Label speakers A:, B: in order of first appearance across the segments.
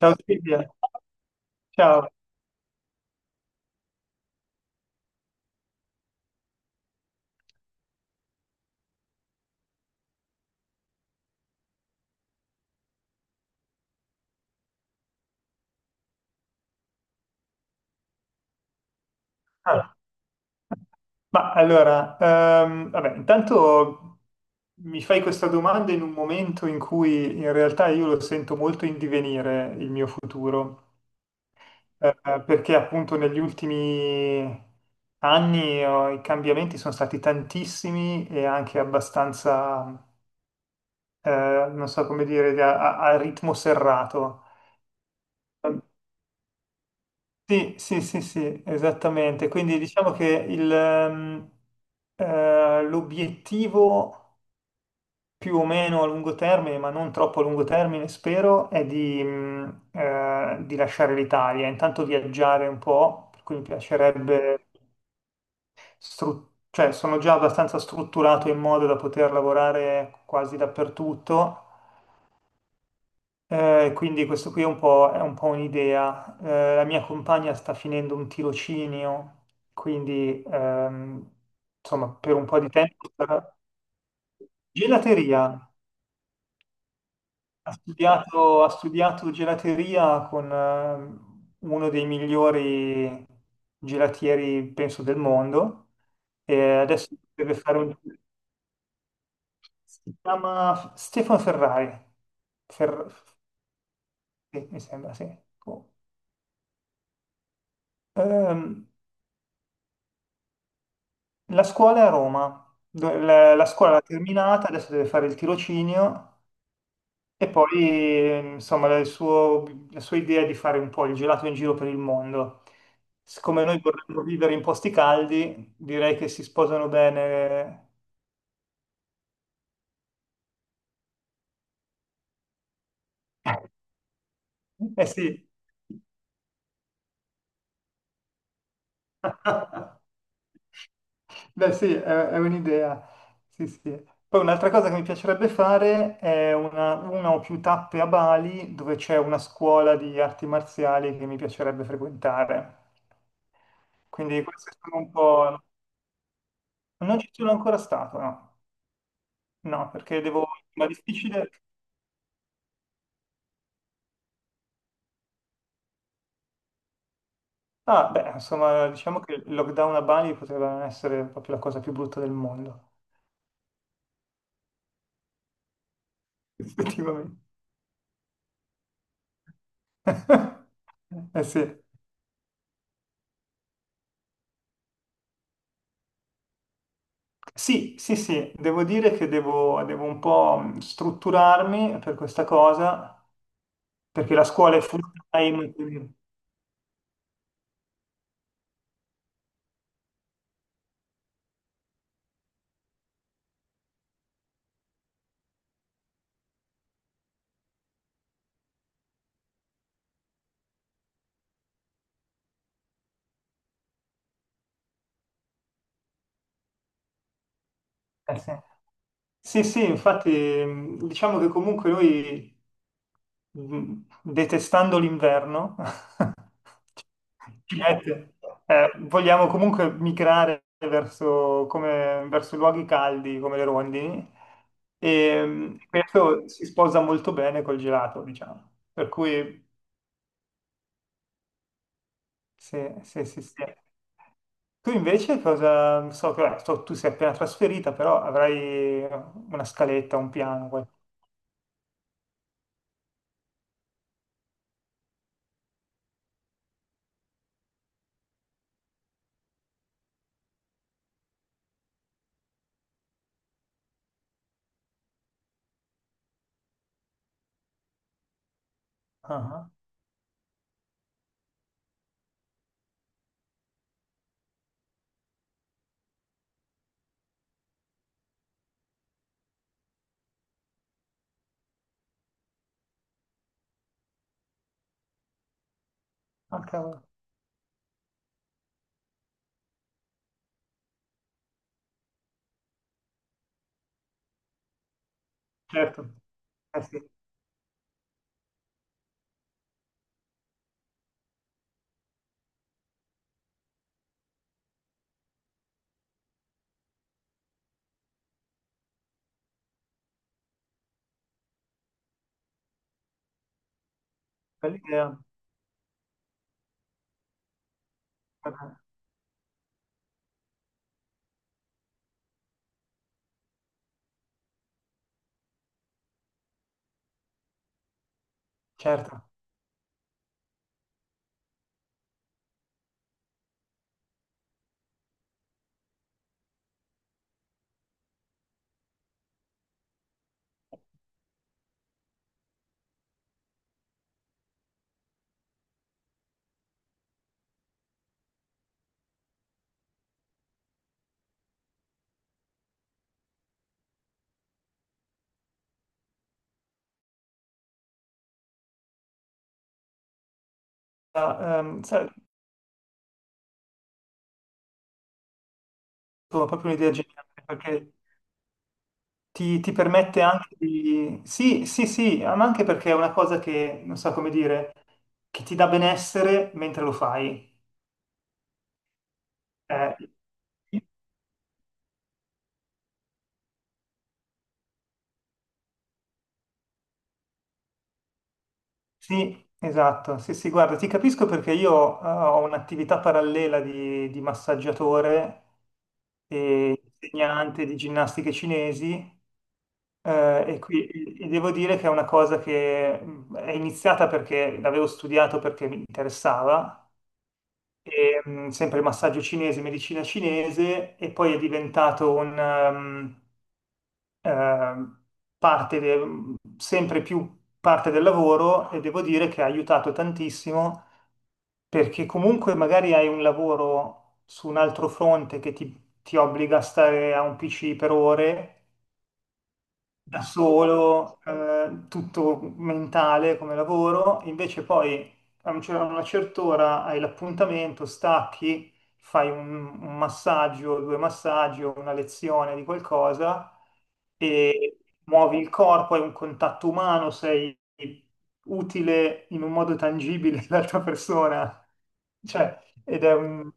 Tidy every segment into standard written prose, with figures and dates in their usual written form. A: Ciao Silvia, ciao. Ah, intanto mi fai questa domanda in un momento in cui in realtà io lo sento molto in divenire il mio futuro, eh, perché appunto negli ultimi anni i cambiamenti sono stati tantissimi e anche abbastanza, eh, non so come dire, a ritmo serrato. Sì, sì, sì, sì, esattamente. Quindi diciamo che l'obiettivo più o meno a lungo termine, ma non troppo a lungo termine, spero, è di lasciare l'Italia, intanto viaggiare un po', per cui mi piacerebbe, cioè sono già abbastanza strutturato in modo da poter lavorare quasi dappertutto. Quindi questo qui è un po' un'idea. La mia compagna sta finendo un tirocinio, quindi insomma per un po' di tempo sarà- Gelateria. Ha studiato gelateria con uno dei migliori gelatieri, penso, del mondo e adesso deve fare un... Si chiama Stefano Ferrari. Fer- sì, mi sembra, sì. Oh. Ehm, La scuola è a Roma. La scuola l'ha terminata, adesso deve fare il tirocinio e poi insomma la sua idea è di fare un po' il gelato in giro per il mondo. Siccome noi vorremmo vivere in posti caldi, direi che si sposano bene. Eh sì. Beh, sì, è un'idea. Sì, sì. Poi un'altra cosa che mi piacerebbe fare è una o più tappe a Bali dove c'è una scuola di arti marziali che mi piacerebbe frequentare. Quindi queste sono un po'... Non ci sono ancora stato, no? No, perché devo... Ma è difficile... Ah, beh, insomma, diciamo che il lockdown a Bali poteva non essere proprio la cosa più brutta del mondo, effettivamente. Eh sì. Sì, sì, sì, devo dire che devo un po' strutturarmi per questa cosa, perché la scuola è full time. Quindi- eh sì. Sì, sì, infatti diciamo che comunque noi, mh, detestando l'inverno, ci mette- vogliamo comunque migrare verso, come- verso luoghi caldi come le rondini e questo si sposa molto bene col gelato, diciamo. Per cui sì, sì, sì, sì. Tu invece cosa, so che vabbè, so- tu sei appena trasferita, però avrai una scaletta, un piano. Qual- ah, ah, ah, cavolo. Certo, eh sì, bella idea. Vabbè, certo. Sai, tu hai proprio un'idea geniale, perché ti permette anche di... Sì, sì, sì, ah, ma anche perché è una cosa che, non so come dire, che ti dà benessere mentre lo fai. Eh, Sì, esatto, sì, sì, guarda, ti capisco perché io ho un'attività parallela di massaggiatore e insegnante di ginnastiche cinesi e, qui, e devo dire che è una cosa che è iniziata perché l'avevo studiato perché mi interessava, e, sempre massaggio cinese, medicina cinese e poi è diventato ehm, parte de- sempre più parte del lavoro e devo dire che ha aiutato tantissimo perché comunque magari hai un lavoro su un altro fronte che ti obbliga a stare a un PC per ore da solo, tutto mentale come lavoro, invece poi a una certa ora hai l'appuntamento, stacchi, fai un massaggio, due massaggi o una lezione di qualcosa e muovi il corpo, hai un contatto umano, sei utile in un modo tangibile all'altra persona. Cioè, ed è un...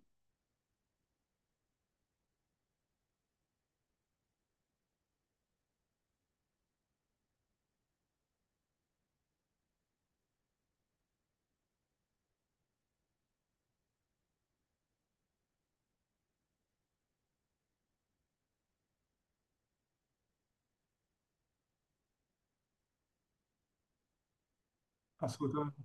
A: Assolutamente,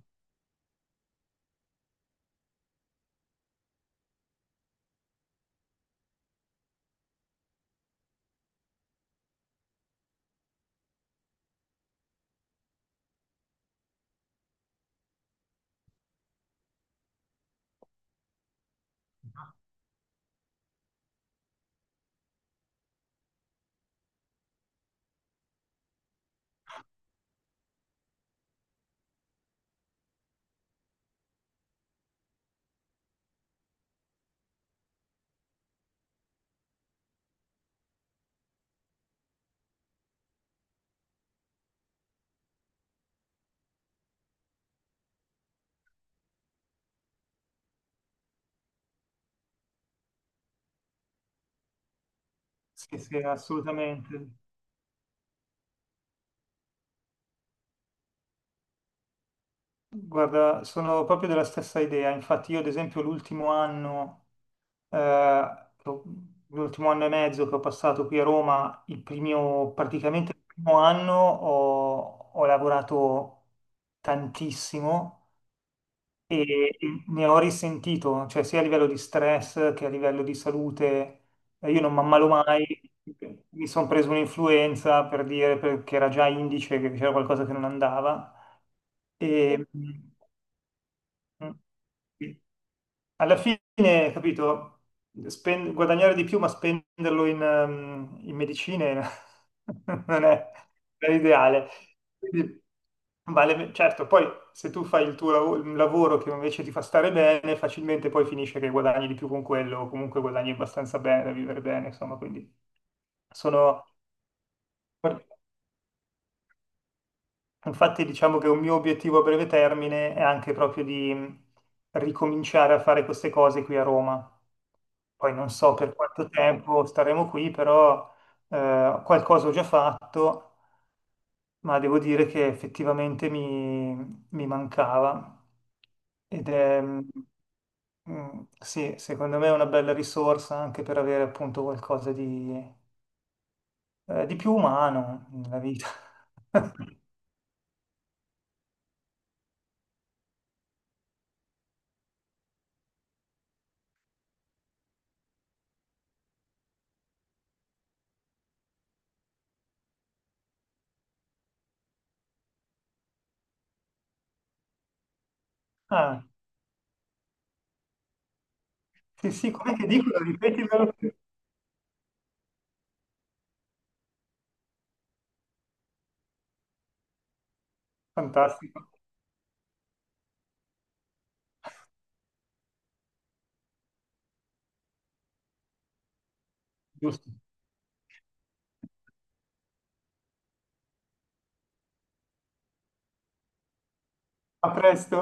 A: sì, sì, assolutamente. Guarda, sono proprio della stessa idea. Infatti, io, ad esempio, l'ultimo anno, eh, che ho- l'ultimo anno e mezzo che ho passato qui a Roma, praticamente il primo anno ho lavorato tantissimo e, e ne ho risentito, cioè sia a livello di stress che a livello di salute. Io non mi ammalo mai, mi sono preso un'influenza per dire perché era già indice che c'era qualcosa che non andava. E, mm. Sì. Alla fine, capito, Spen- guadagnare di più ma spenderlo in medicine non è non è l'ideale. Quindi vale- certo, poi se tu fai il un lavoro che invece ti fa stare bene, facilmente poi finisce che guadagni di più con quello, o comunque guadagni abbastanza bene da vivere bene, insomma, quindi sono... Infatti diciamo che un mio obiettivo a breve termine è anche proprio di ricominciare a fare queste cose qui a Roma. Poi non so per quanto tempo staremo qui, però qualcosa ho già fatto, ma devo dire che effettivamente mi, mi mancava. Ed è, mm, sì, secondo me è una bella risorsa anche per avere appunto qualcosa di più umano nella vita. Ah. Sì, sì, come che dicono? Ripetimelo. Fantastico. Giusto. A presto.